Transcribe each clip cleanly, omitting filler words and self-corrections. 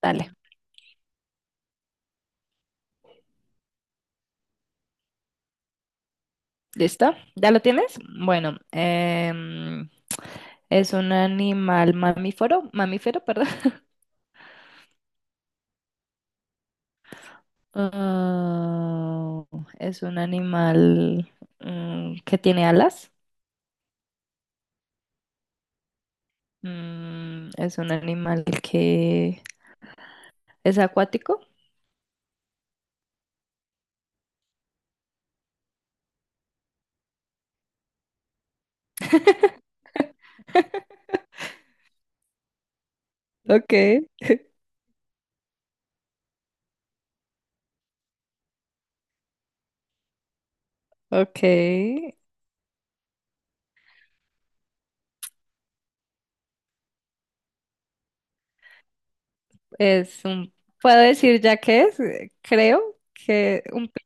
Dale, ¿listo? ¿Ya lo tienes? Bueno, es un animal mamífero, mamífero, perdón. Ah, es un animal que tiene alas. Mm, es un animal que es acuático. Okay, okay. Es un, puedo decir ya que es, creo que un, pi-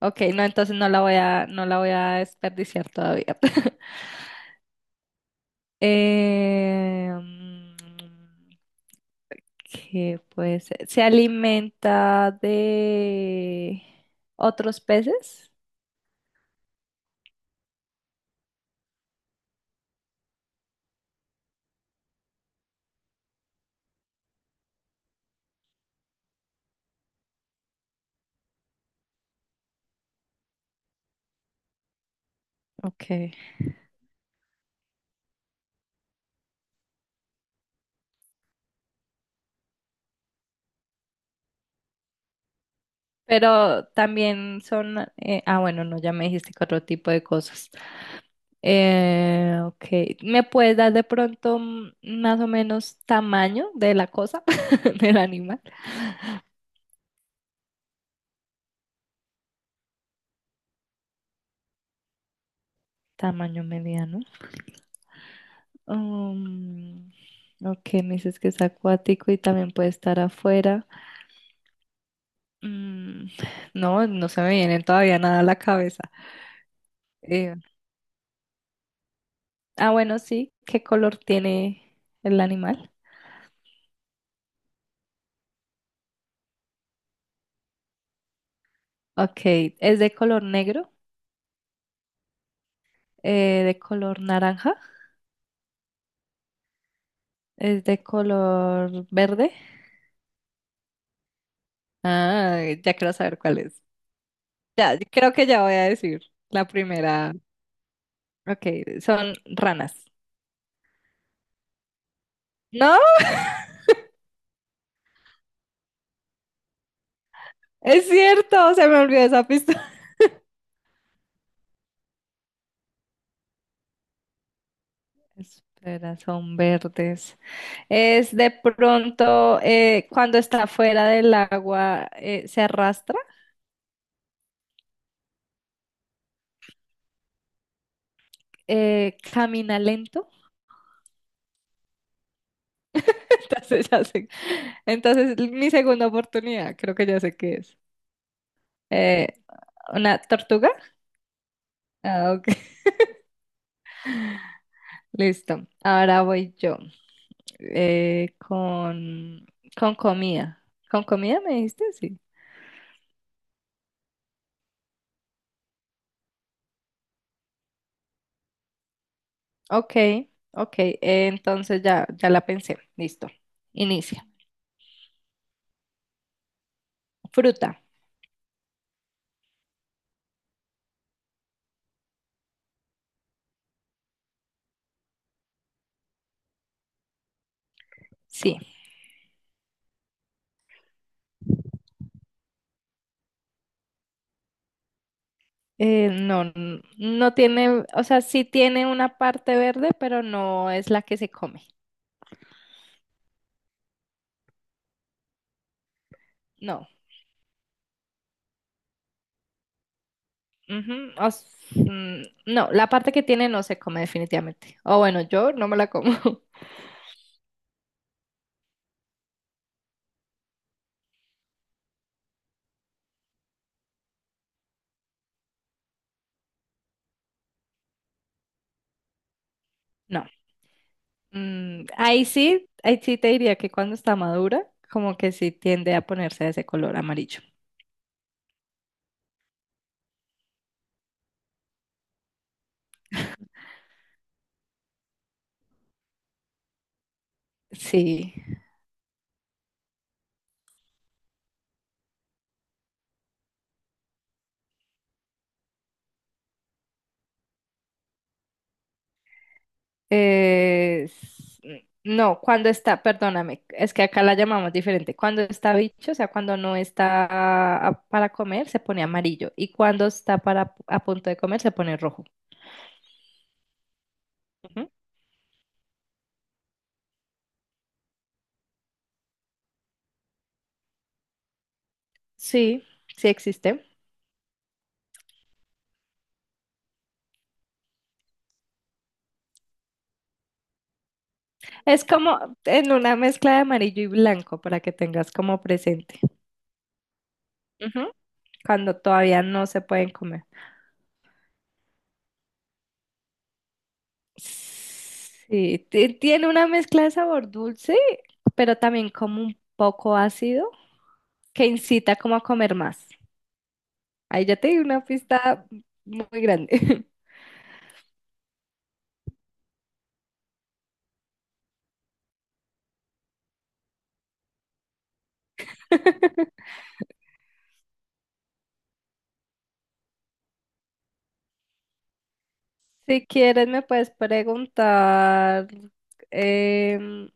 okay, no, entonces no la voy a, no la voy a desperdiciar todavía. Eh, ¿qué puede ser? ¿Se alimenta de otros peces? Ok. Pero también son... bueno, no, ya me dijiste que otro tipo de cosas. Ok. ¿Me puedes dar de pronto más o menos tamaño de la cosa, del animal? Tamaño mediano. Um, ok, me dices que es acuático y también puede estar afuera. Mm, no, no se me viene todavía nada a la cabeza. Eh, ah, bueno, sí. ¿Qué color tiene el animal? Ok, ¿es de color negro? ¿De color naranja? ¿Es de color verde? Ah, ya quiero saber cuál es. Ya, creo que ya voy a decir la primera. Ok, son ranas. ¿No? Es cierto, se me olvidó esa pista. Espera, son verdes. Es de pronto cuando está fuera del agua se arrastra, camina lento. Entonces ya sé. Entonces mi segunda oportunidad, creo que ya sé qué es. Eh, ¿Una tortuga? Ah, ok. Listo. Ahora voy yo eh, con, con comida. ¿Con comida me dijiste? Sí. Ok, ok. Entonces ya, ya la pensé. Listo. Inicia. Fruta. Sí. No, n- no tiene, o sea, sí tiene una parte verde, pero no es la que se come. No. Ujú, o s- mm, no, la parte que tiene no se come definitivamente. O bueno, yo no me la como. No. Mm, ahí sí te diría que cuando está madura, como que sí tiende a ponerse de ese color amarillo. Sí. Eh, s- no, cuando está, perdóname, es que acá la llamamos diferente. Cuando está bicho, o sea, cuando no está a- para comer, se pone amarillo. Y cuando está para a punto de comer, se pone rojo. Ujú. Sí, sí existe. Es como en una mezcla de amarillo y blanco para que tengas como presente. Ujú. Cuando todavía no se pueden comer. Sí, ti- tiene una mezcla de sabor dulce, pero también como un poco ácido, que incita como a comer más. Ahí ya te di una pista muy grande. Si quieres, me puedes preguntar, em,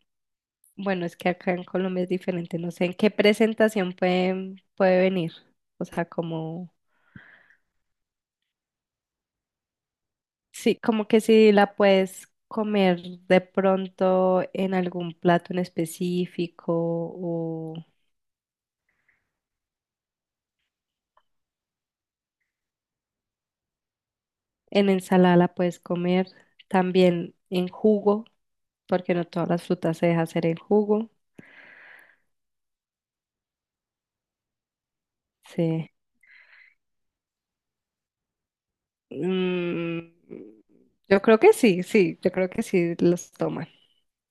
bueno, es que acá en Colombia es diferente, no sé en qué presentación pueden, puede venir, o sea, como... Sí, como que si la puedes comer de pronto en algún plato en específico o en ensalada la puedes comer también en jugo, porque no todas las frutas se deja hacer en jugo. Sí. Mm, yo creo que sí, sí, yo creo que sí los toman.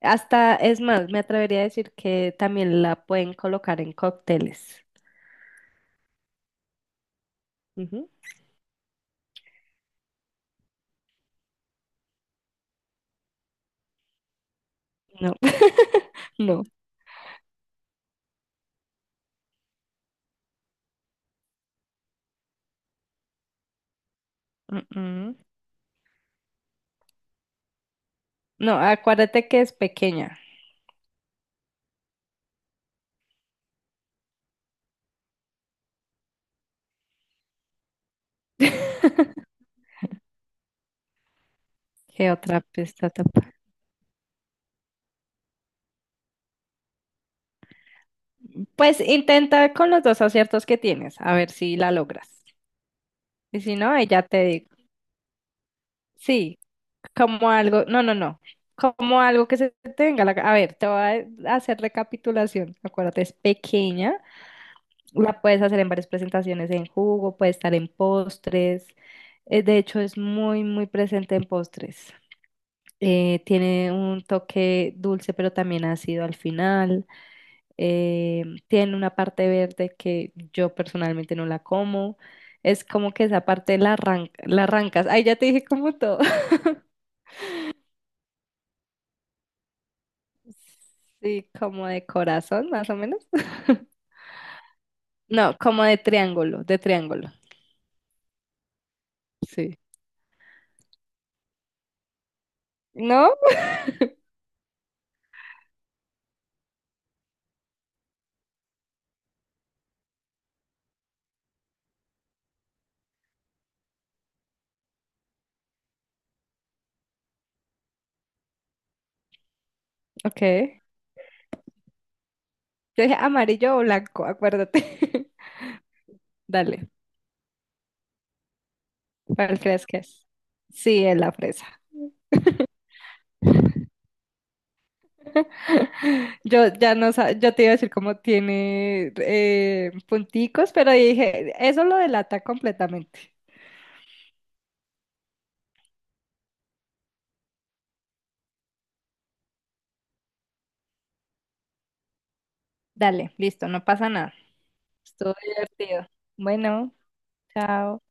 Hasta, es más, me atrevería a decir que también la pueden colocar en cócteles. Ujú. No, no. Mm, mm. No, acuérdate que es pequeña. ¿Qué otra pista te puedo- Pues intenta con los dos aciertos que tienes, a ver si la logras. Y si no, ahí ya te digo. Sí, como algo, no, no, no, como algo que se tenga. La- ca- A ver, te voy a hacer recapitulación. Acuérdate, es pequeña, la puedes hacer en varias presentaciones en jugo, puede estar en postres. De hecho, es muy, muy presente en postres. Tiene un toque dulce, pero también ácido al final. Tiene una parte verde que yo personalmente no la como. Es como que esa parte la, arran- la arrancas. Ay, ya te dije como todo. Sí, como de corazón, más o menos. No, como de triángulo, de triángulo. Sí. ¿No? Ok. Yo dije amarillo o blanco, acuérdate. Dale, ¿cuál crees que es? Sí, es la fresa. Yo ya no sa- yo te iba a decir cómo tiene punticos, pero dije, eso lo delata completamente. Dale, listo, no pasa nada. Estuvo divertido. Bueno, chao.